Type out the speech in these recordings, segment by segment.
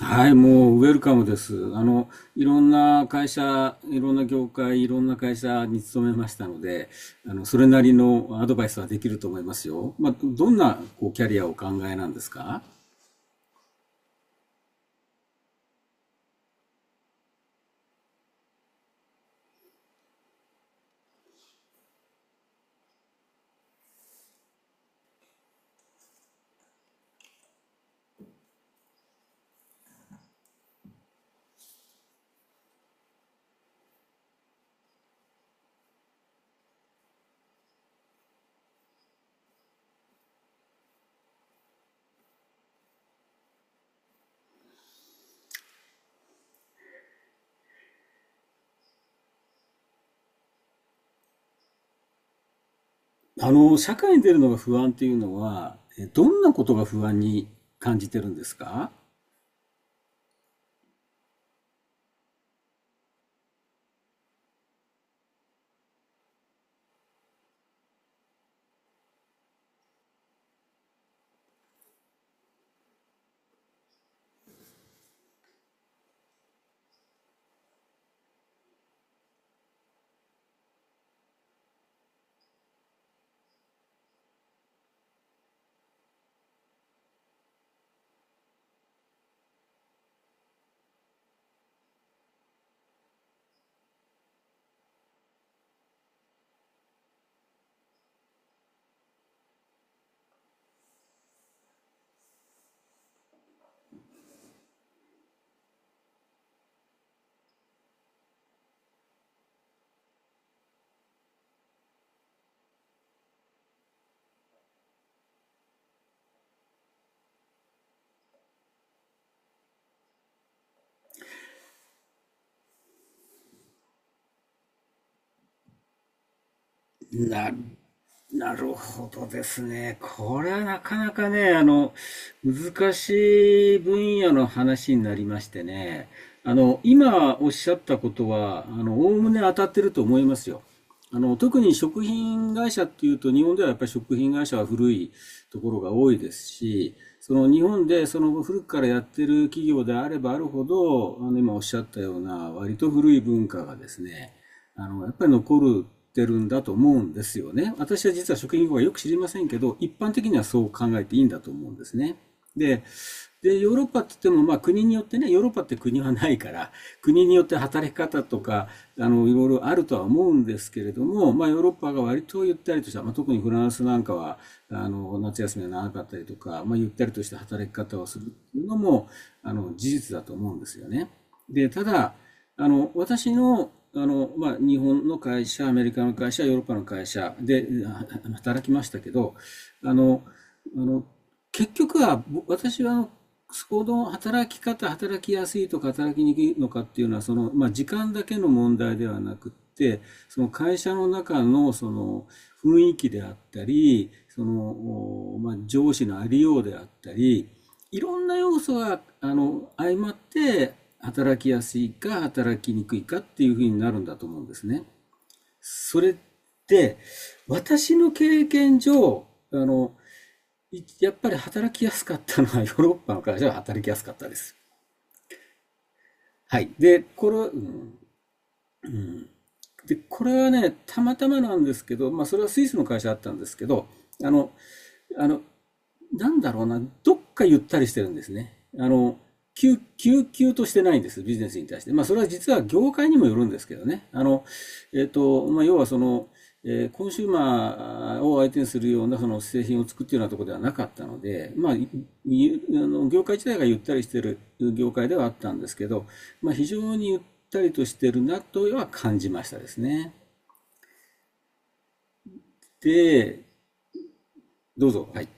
はい、もうウェルカムです。いろんな会社、いろんな業界、いろんな会社に勤めましたので、それなりのアドバイスはできると思いますよ。まあ、どんなこうキャリアをお考えなんですか？社会に出るのが不安っていうのは、どんなことが不安に感じてるんですか？なるなるほどですね。これはなかなかね、難しい分野の話になりましてね。今おっしゃったことは、おおむね当たってると思いますよ。特に食品会社っていうと、日本ではやっぱり食品会社は古いところが多いですし、その日本でその古くからやってる企業であればあるほど、今おっしゃったような割と古い文化がですね、やっぱり残るってるんだと思うんですよね。私は実は食品業はよく知りませんけど、一般的にはそう考えていいんだと思うんですね。で、で、ヨーロッパって言っても、まあ国によってね、ヨーロッパって国はないから、国によって働き方とか、いろいろあるとは思うんですけれども、まあヨーロッパが割とゆったりとした、まあ特にフランスなんかは、夏休みが長かったりとか、まあゆったりとした働き方をするっていうのも、事実だと思うんですよね。で、ただ、私の、まあ、日本の会社、アメリカの会社、ヨーロッパの会社で働きましたけど、あの、あの、結局は、私は行の働き方、働きやすいとか働きにくいのかっていうのは、その、まあ、時間だけの問題ではなくって、その会社の中の、その、雰囲気であったり、その、まあ、上司のありようであったり、いろんな要素が、相まって、働きやすいか働きにくいかっていうふうになるんだと思うんですね。それって、私の経験上、やっぱり働きやすかったのは ヨーロッパの会社は働きやすかったです。はい。で、これは、うん、うん。で、これはね、たまたまなんですけど、まあそれはスイスの会社だったんですけど、あの、あの、なんだろうな、どっかゆったりしてるんですね。あの、急としてないんです、ビジネスに対して。まあ、それは実は業界にもよるんですけどね。まあ、要はその、コンシューマーを相手にするようなその製品を作っているようなところではなかったので、あの業界自体がゆったりしている業界ではあったんですけど、まあ、非常にゆったりとしているなとは感じましたですね。で、どうぞ。はい。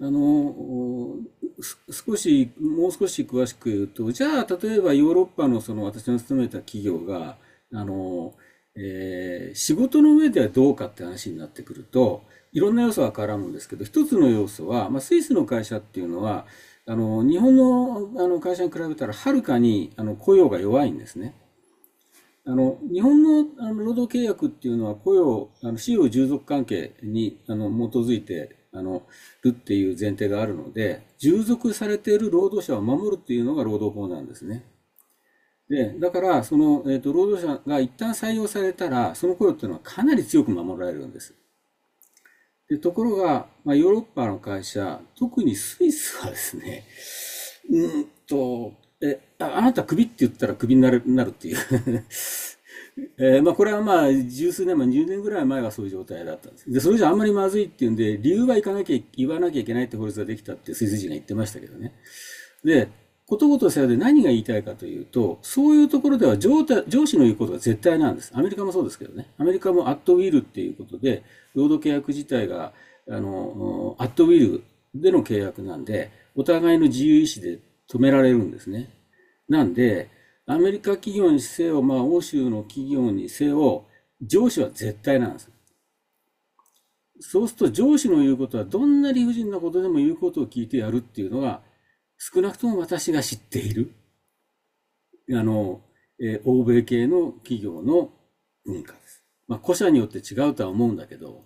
あの、少し、もう少し詳しく言うと、じゃあ、例えばヨーロッパのその私の勤めた企業が、あの、仕事の上ではどうかって話になってくると、いろんな要素が絡むんですけど、一つの要素は、まあ、スイスの会社っていうのは、日本の、あの会社に比べたらはるかにあの雇用が弱いんですね。日本のあの労働契約っていうのは雇用、使用従属関係に、基づいて、るっていう前提があるので、従属されている労働者を守るっていうのが労働法なんですね。で、だから、その、労働者が一旦採用されたら、その雇用っていうのはかなり強く守られるんです。で、ところが、まあ、ヨーロッパの会社、特にスイスはですね、うんと、あなたクビって言ったらクビになる、なるっていうまあ、これはまあ十数年前、20年ぐらい前はそういう状態だったんです。で、それじゃあんまりまずいっていうんで、理由は行かなきゃ、言わなきゃいけないって法律ができたって、スイス人が言ってましたけどね。で、ことごとさようで何が言いたいかというと、そういうところでは上司の言うことが絶対なんです。アメリカもそうですけどね。アメリカもアットウィルっていうことで、労働契約自体が、アットウィルでの契約なんで、お互いの自由意志で止められるんですね。なんで、アメリカ企業にせよ、まあ、欧州の企業にせよ、上司は絶対なんです。そうすると上司の言うことはどんな理不尽なことでも言うことを聞いてやるっていうのが少なくとも私が知っているあの、欧米系の企業の文化です。まあ、個社によって違うとは思うんだけど。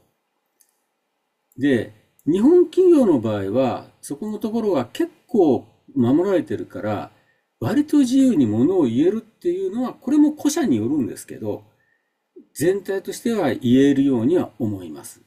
で、日本企業の場合はそこのところが結構守られてるから割と自由にものを言えるっていうのはこれも個社によるんですけど全体としては言えるようには思います。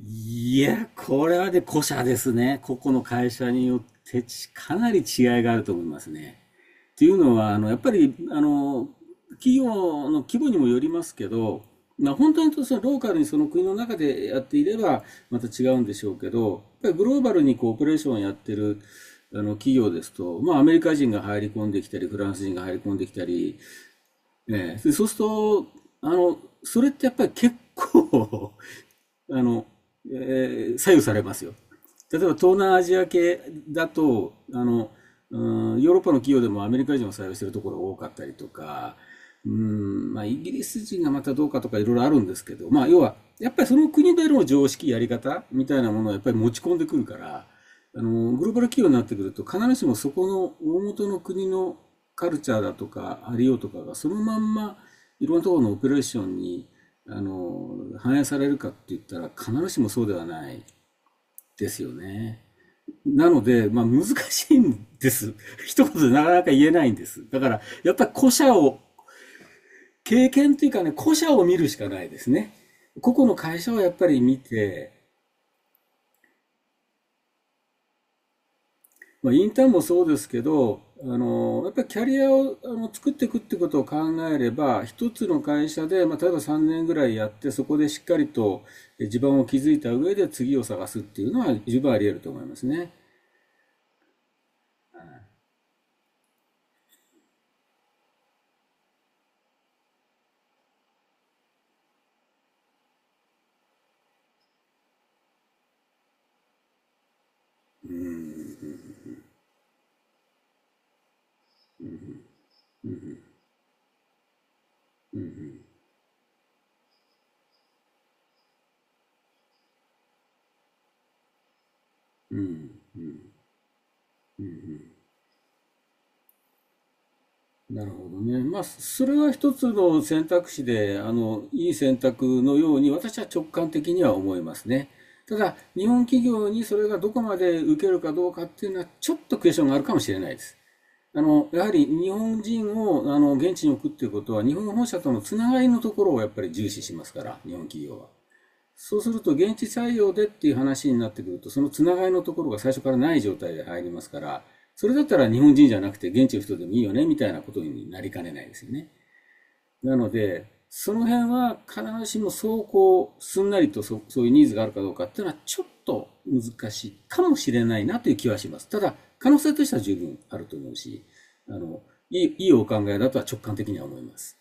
いや、これはね、個社ですね。個々の会社によってかなり違いがあると思いますね。っていうのは、やっぱり、企業の規模にもよりますけど、まあ、本当にとそのローカルにその国の中でやっていれば、また違うんでしょうけど、やっぱりグローバルにこうオペレーションをやってる、企業ですと、まあ、アメリカ人が入り込んできたり、フランス人が入り込んできたり、ね、でそうすると、あの、それってやっぱり結構あの、左右されますよ。例えば東南アジア系だと、ヨーロッパの企業でもアメリカ人を採用しているところが多かったりとか、うん、まあ、イギリス人がまたどうかとかいろいろあるんですけど、まあ、要は、やっぱりその国での常識、やり方みたいなものをやっぱり持ち込んでくるから、グローバル企業になってくると、必ずしもそこの大元の国のカルチャーだとか、ありようとかが、そのまんま、いろんなところのオペレーションに、反映されるかって言ったら必ずしもそうではないですよね。なので、まあ難しいんです。一言でなかなか言えないんです。だから、やっぱり個社を、経験というかね、個社を見るしかないですね。個々の会社をやっぱり見て、まあ、インターンもそうですけど、やっぱりキャリアをあの作っていくってことを考えれば、一つの会社で、まあ、例えば3年ぐらいやって、そこでしっかりと地盤を築いた上で次を探すっていうのは十分あり得ると思いますね。うん。なるほどね。まあ、それは一つの選択肢で、いい選択のように私は直感的には思いますね。ただ、日本企業にそれがどこまで受けるかどうかっていうのは、ちょっとクエスチョンがあるかもしれないです。やはり日本人を、現地に置くっていうことは、日本本社とのつながりのところをやっぱり重視しますから、日本企業は。そうすると、現地採用でっていう話になってくると、そのつながりのところが最初からない状態で入りますから、それだったら日本人じゃなくて現地の人でもいいよね、みたいなことになりかねないですよね。なので、その辺は必ずしもすんなりとそういうニーズがあるかどうかっていうのはちょっと難しいかもしれないなという気はします。ただ、可能性としては十分あると思うし、あの、いいお考えだとは直感的には思います。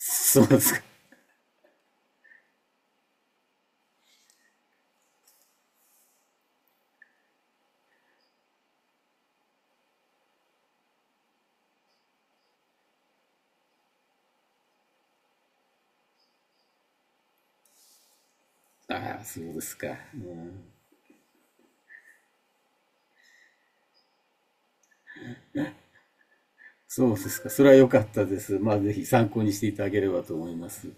そうですか。ああ、そうですか。うん、そうですか。それは良かったです。まあ、ぜひ参考にしていただければと思います。